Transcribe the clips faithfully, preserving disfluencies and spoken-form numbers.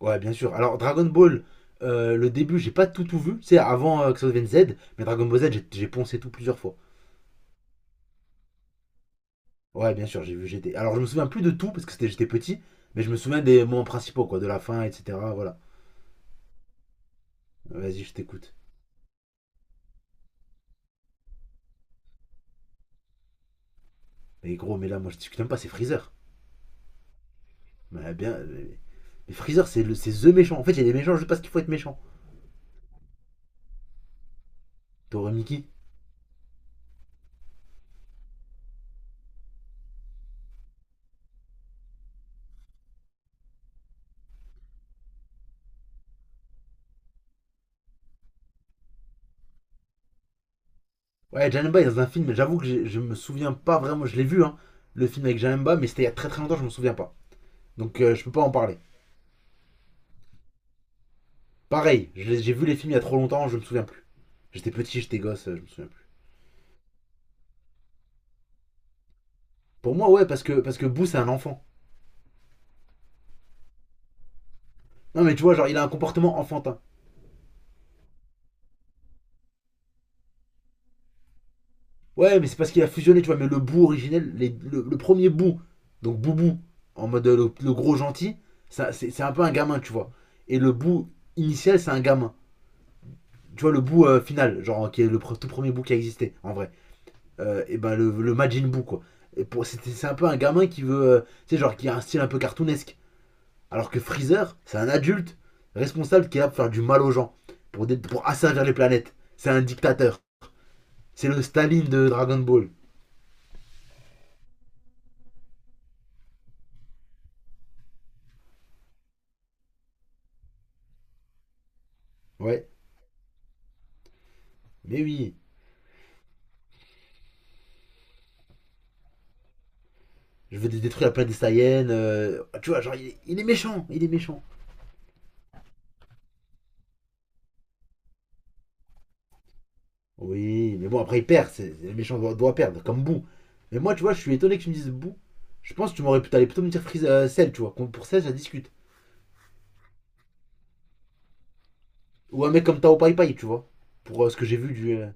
Ouais, bien sûr. Alors, Dragon Ball, euh, le début, j'ai pas tout, tout vu. C'est avant euh, que ça devienne Z, mais Dragon Ball Z, j'ai- j'ai poncé tout plusieurs fois. Ouais, bien sûr, j'ai vu G T. Alors, je me souviens plus de tout parce que c'était j'étais petit, mais je me souviens des moments principaux, quoi, de la fin, et cetera. Voilà. Vas-y, je t'écoute. Mais gros, mais là, moi, je discute même pas, c'est Freezer. Mais bien. Mais, mais Freezer, c'est le, c'est The méchant. En fait, il y a des méchants je sais pas ce qu'il faut être méchant. T'aurais Mickey. Ouais, Janemba est dans un film, mais j'avoue que j'ai- je me souviens pas vraiment. Je l'ai vu, hein, le film avec Janemba, mais c'était il y a très très longtemps, je me souviens pas. Donc, euh, je peux pas en parler. Pareil, j'ai vu les films il y a trop longtemps, je me souviens plus. J'étais petit, j'étais gosse, euh, je me souviens plus. Pour moi, ouais, parce que, parce que Boo, c'est un enfant. Non, mais tu vois, genre, il a un comportement enfantin. Ouais, mais c'est parce qu'il a fusionné, tu vois, mais le Boo originel, les- le, le premier Boo, donc Boubou, en mode euh, le, le gros gentil, ça, c'est un peu un gamin, tu vois. Et le Boo initial, c'est un gamin. Tu vois, le Boo euh, final, genre, qui est le tout premier Boo qui a existé, en vrai. Euh, et ben, le, le Majin Boo, quoi. C'est un peu un gamin qui veut, euh, tu sais, genre, qui a un style un peu cartoonesque. Alors que Freezer, c'est un adulte responsable qui est là pour faire du mal aux gens, pour, dé- pour asservir les planètes. C'est un dictateur. C'est le Staline de Dragon Ball. Ouais, mais oui, je veux détruire la planète des Saiyans. euh, tu vois, genre, il est, il est méchant, il est méchant. Oui, mais bon, après, il perd. c'est- le méchant doit, doit perdre, comme Boo. Mais moi, tu vois, je suis étonné que tu me dises Boo. Je pense que tu m'aurais pu t'aller plutôt me dire Freezer, euh, Cell, tu vois. Pour Cell, ça discute. Ou un mec comme Tao Pai Pai, tu vois. Pour euh, ce que j'ai vu du. euh,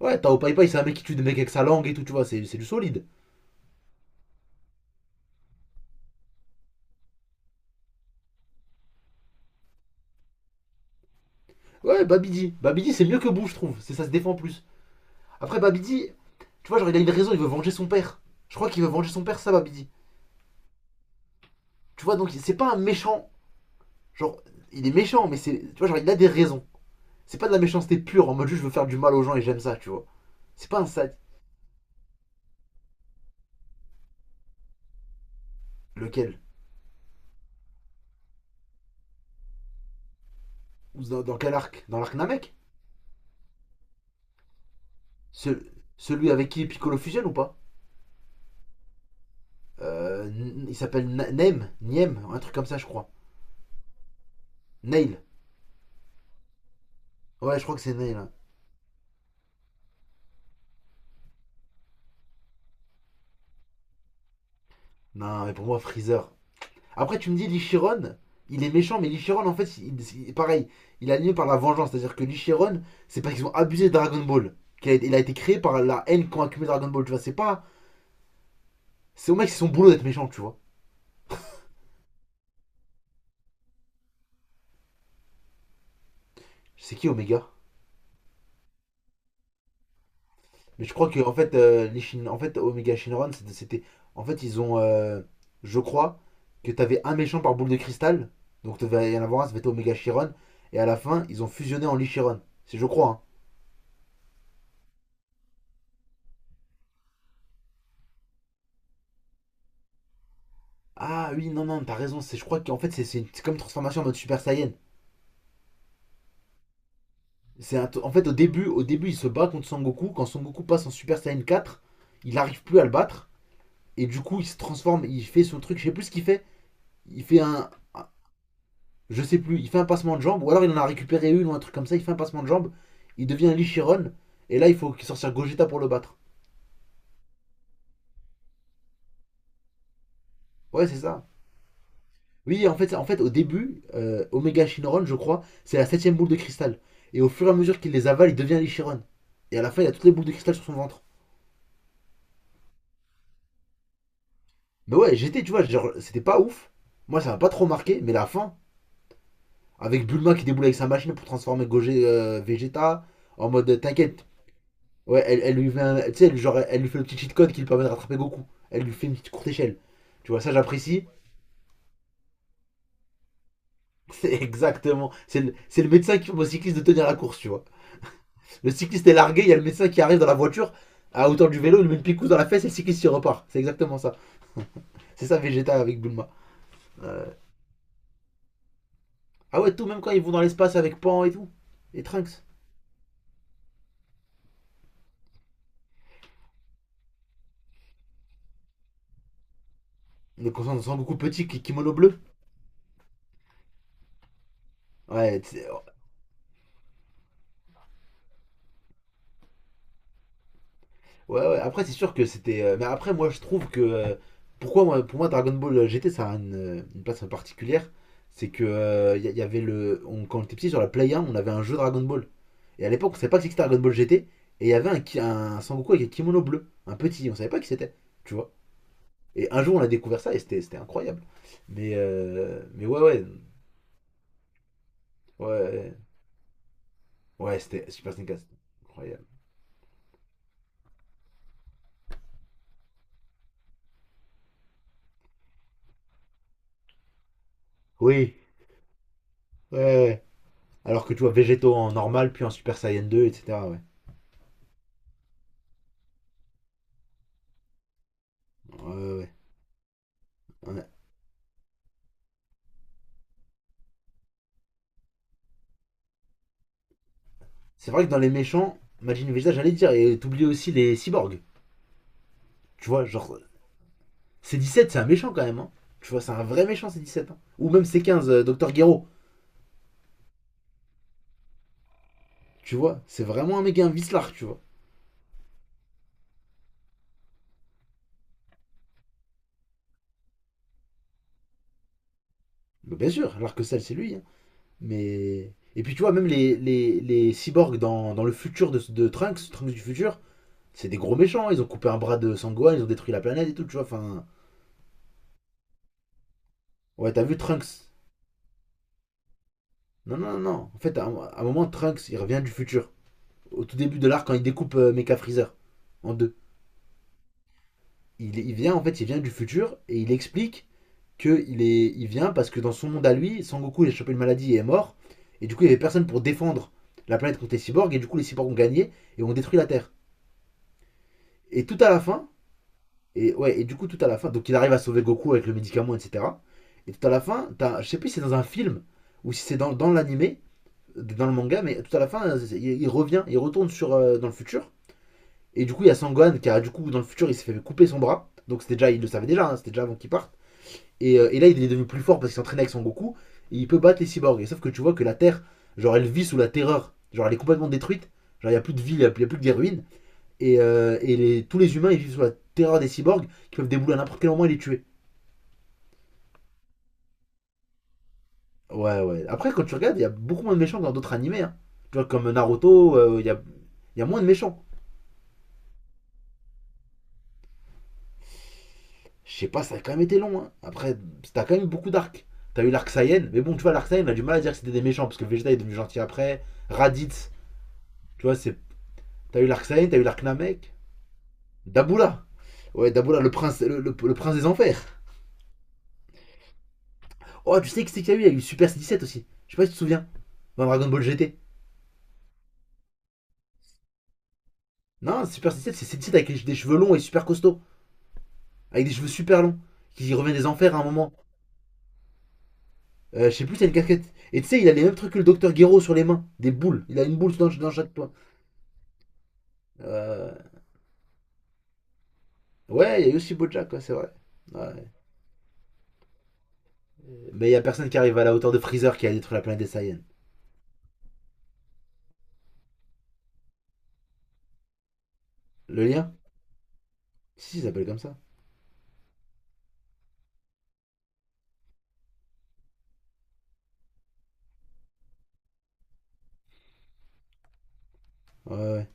Ouais, Tao Pai Pai, c'est un mec qui tue des mecs avec sa langue et tout, tu vois, c'est du solide. Ouais, Babidi. Babidi, c'est mieux que Bou, je trouve. C'est ça se défend plus. Après, Babidi, tu vois, genre, il a une raison, il veut venger son père. Je crois qu'il veut venger son père, ça, Babidi. Tu vois, donc, c'est pas un méchant. Genre, il est méchant, mais c'est. Tu vois, genre, il a des raisons. C'est pas de la méchanceté pure, en mode juste, je veux faire du mal aux gens et j'aime ça, tu vois. C'est pas un sad. Lequel? Dans, dans quel arc? Dans l'arc Namek? Ce- Celui avec qui Piccolo fusionne ou pas? Euh, Il s'appelle Na- Nem, Niem, un truc comme ça, je crois. Nail. Ouais, je crois que c'est Nail, hein. Non, mais pour moi, Freezer. Après, tu me dis, Lichiron, il est méchant, mais Lichiron, en fait, il- il- pareil, il est animé par la vengeance. C'est-à-dire que Lichiron, c'est parce qu'ils ont abusé de Dragon Ball. qu'il a été- Il a été créé par la haine qu'ont accumulé Dragon Ball, tu vois. C'est pas. C'est au mec, c'est son boulot d'être méchant, tu vois. C'est qui, Omega? Mais je crois que, en fait, euh, les Shin- en fait Omega Shinron, c'était- En fait, ils ont. Euh, je crois que t'avais un méchant par boule de cristal. Donc, t'avais y en avoir un, ça devait être Omega Chiron. Et à la fin, ils ont fusionné en Lichiron. Si je crois, hein. Ah oui, non, non, t'as raison. C'est, je crois qu'en fait, c'est, c'est une- c'est comme une transformation en mode Super Saiyan. C'est un t- en fait, au début, au début, il se bat contre Son Goku. Quand Son Goku passe en Super Saiyan quatre, il n'arrive plus à le battre. Et du coup, il se transforme, il fait son truc. Je sais plus ce qu'il fait. Il fait un. Un- Je sais plus, il fait un passement de jambe. Ou alors, il en a récupéré une ou un truc comme ça. Il fait un passement de jambe. Il devient un Lichiron. Et là, il faut sortir Gogeta pour le battre. Ouais, c'est ça. Oui, en fait, en fait, au début, euh, Omega Shinron, je crois, c'est la septième boule de cristal. Et au fur et à mesure qu'il les avale, il devient l'Ichiron. Et à la fin, il a toutes les boules de cristal sur son ventre. Mais ouais, j'étais, tu vois, genre, c'était pas ouf. Moi, ça m'a pas trop marqué, mais la fin, avec Bulma qui déboule avec sa machine pour transformer Gogeta, euh, Vegeta, en mode, euh, t'inquiète. Ouais, elle, elle lui fait. Un- tu sais, elle, genre, elle lui fait le petit cheat code qui lui permet de rattraper Goku. Elle lui fait une petite courte échelle. Tu vois, ça, j'apprécie. C'est exactement. C'est le, c'est le médecin qui fait au cycliste de tenir la course, tu vois. Le cycliste est largué, il y a le médecin qui arrive dans la voiture à hauteur du vélo, il lui met une picousse dans la fesse et le cycliste s'y repart. C'est exactement ça. C'est ça Vegeta avec Bulma. Euh, Ah ouais, tout, même quand ils vont dans l'espace avec Pan et tout. Et Trunks. Donc on sent beaucoup petit, kimono bleu. Ouais, ouais, ouais. Après, c'est sûr que c'était. euh, Mais après, moi, je trouve que. euh, Pourquoi, moi, pour moi, Dragon Ball G T, ça a une, euh, une place particulière. C'est que. euh, Il euh, y, y avait le. On- quand on était petit sur la Play un, on avait un jeu Dragon Ball. Et à l'époque, on savait pas que c'était Dragon Ball G T. Et il y avait un, un Sangoku avec un kimono bleu, un petit, on savait pas qui c'était, tu vois. Et un jour, on a découvert ça et c'était c'était incroyable. Mais, euh, mais ouais, ouais, ouais, ouais, c'était Super Dreamcast, incroyable. Oui, ouais, ouais. Alors que tu vois, Végéto en normal, puis en Super Saiyan deux, et cetera. Ouais, ouais, ouais. Ouais. C'est vrai que dans les méchants, Majin Vegeta, j'allais dire, et t'oublies aussi les cyborgs, tu vois, genre, C dix-sept, c'est un méchant quand même, hein. Tu vois, c'est un vrai méchant, C dix-sept, hein. Ou même C quinze, Docteur Gero. Tu vois, c'est vraiment un mec qui invite l'arc, tu vois. Mais bien sûr, l'arc-sale, c'est lui, hein. Mais. Et puis tu vois, même les, les, les cyborgs dans, dans le futur de, de Trunks, Trunks du futur, c'est des gros méchants. Ils ont coupé un bras de Sangohan, ils ont détruit la planète et tout, tu vois. Enfin. Ouais, t'as vu Trunks? Non, non, non. En fait, à un, à un moment, Trunks, il revient du futur. Au tout début de l'arc, quand il découpe euh, Mecha Freezer en deux. Il, il vient, en fait, il vient du futur et il explique qu'il est, il vient parce que dans son monde à lui, Sangoku il a chopé une maladie et est mort. Et du coup, il y avait personne pour défendre la planète contre les cyborgs. Et du coup, les cyborgs ont gagné et ont détruit la Terre. Et tout à la fin, et ouais, et du coup, tout à la fin, donc il arrive à sauver Goku avec le médicament, et cetera. Et tout à la fin, t'as, je sais plus si c'est dans un film ou si c'est dans, dans l'animé, dans le manga, mais tout à la fin, il, il revient, il retourne sur, euh, dans le futur. Et du coup, il y a Sangohan qui a, du coup, dans le futur, il s'est fait couper son bras. Donc c'était déjà, il le savait déjà, hein, c'était déjà avant qu'il parte. Et, euh, et là, il est devenu plus fort parce qu'il s'entraîne avec Son Goku. Et il peut battre les cyborgs. Et sauf que tu vois que la Terre, genre, elle vit sous la terreur. Genre, elle est complètement détruite. Genre, il n'y a plus de ville, il n'y a, y a plus que des ruines. Et, euh, et les- tous les humains, ils vivent sous la terreur des cyborgs qui peuvent débouler à n'importe quel moment et les tuer. Ouais, ouais. Après, quand tu regardes, il y a beaucoup moins de méchants que dans d'autres animés, hein. Tu vois, comme Naruto, euh, il euh, y, a, il y a moins de méchants. Je sais pas, ça a quand même été long, hein. Après, t'as quand même eu beaucoup d'arcs. T'as eu l'arc Saiyan, mais bon, tu vois, l'arc Saiyan, on a du mal à dire que c'était des méchants parce que Vegeta est devenu gentil après. Raditz, tu vois, c'est T'as eu l'Arksain, t'as eu l'Arknamek, Daboula. Ouais, Daboula, le prince, le, le- le prince des enfers. Oh, tu sais que c'est qu'il y a eu. Il y a eu Super dix-sept aussi. Je sais pas si tu te souviens. Dans Dragon Ball G T. Non, Super dix-sept, c'est dix-sept avec des cheveux longs et super costauds. Avec des cheveux super longs. Qui revient des enfers à un moment. Euh, je sais plus, c'est une casquette. Et tu sais, il a les mêmes trucs que le docteur Guéraud sur les mains. Des boules. Il a une boule dans, dans chaque point. Euh, Ouais, il y a eu aussi Bojack, ouais, c'est vrai. Ouais. Mais il y a personne qui arrive à la hauteur de Freezer qui a détruit la planète des Saiyans. Le lien. Si, il s'appelle comme ça. Ouais, ouais.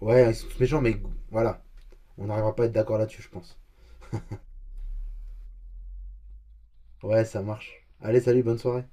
Ouais, ils sont tous méchants, mais voilà. On n'arrivera pas à être d'accord là-dessus, je pense. Ouais, ça marche. Allez, salut, bonne soirée.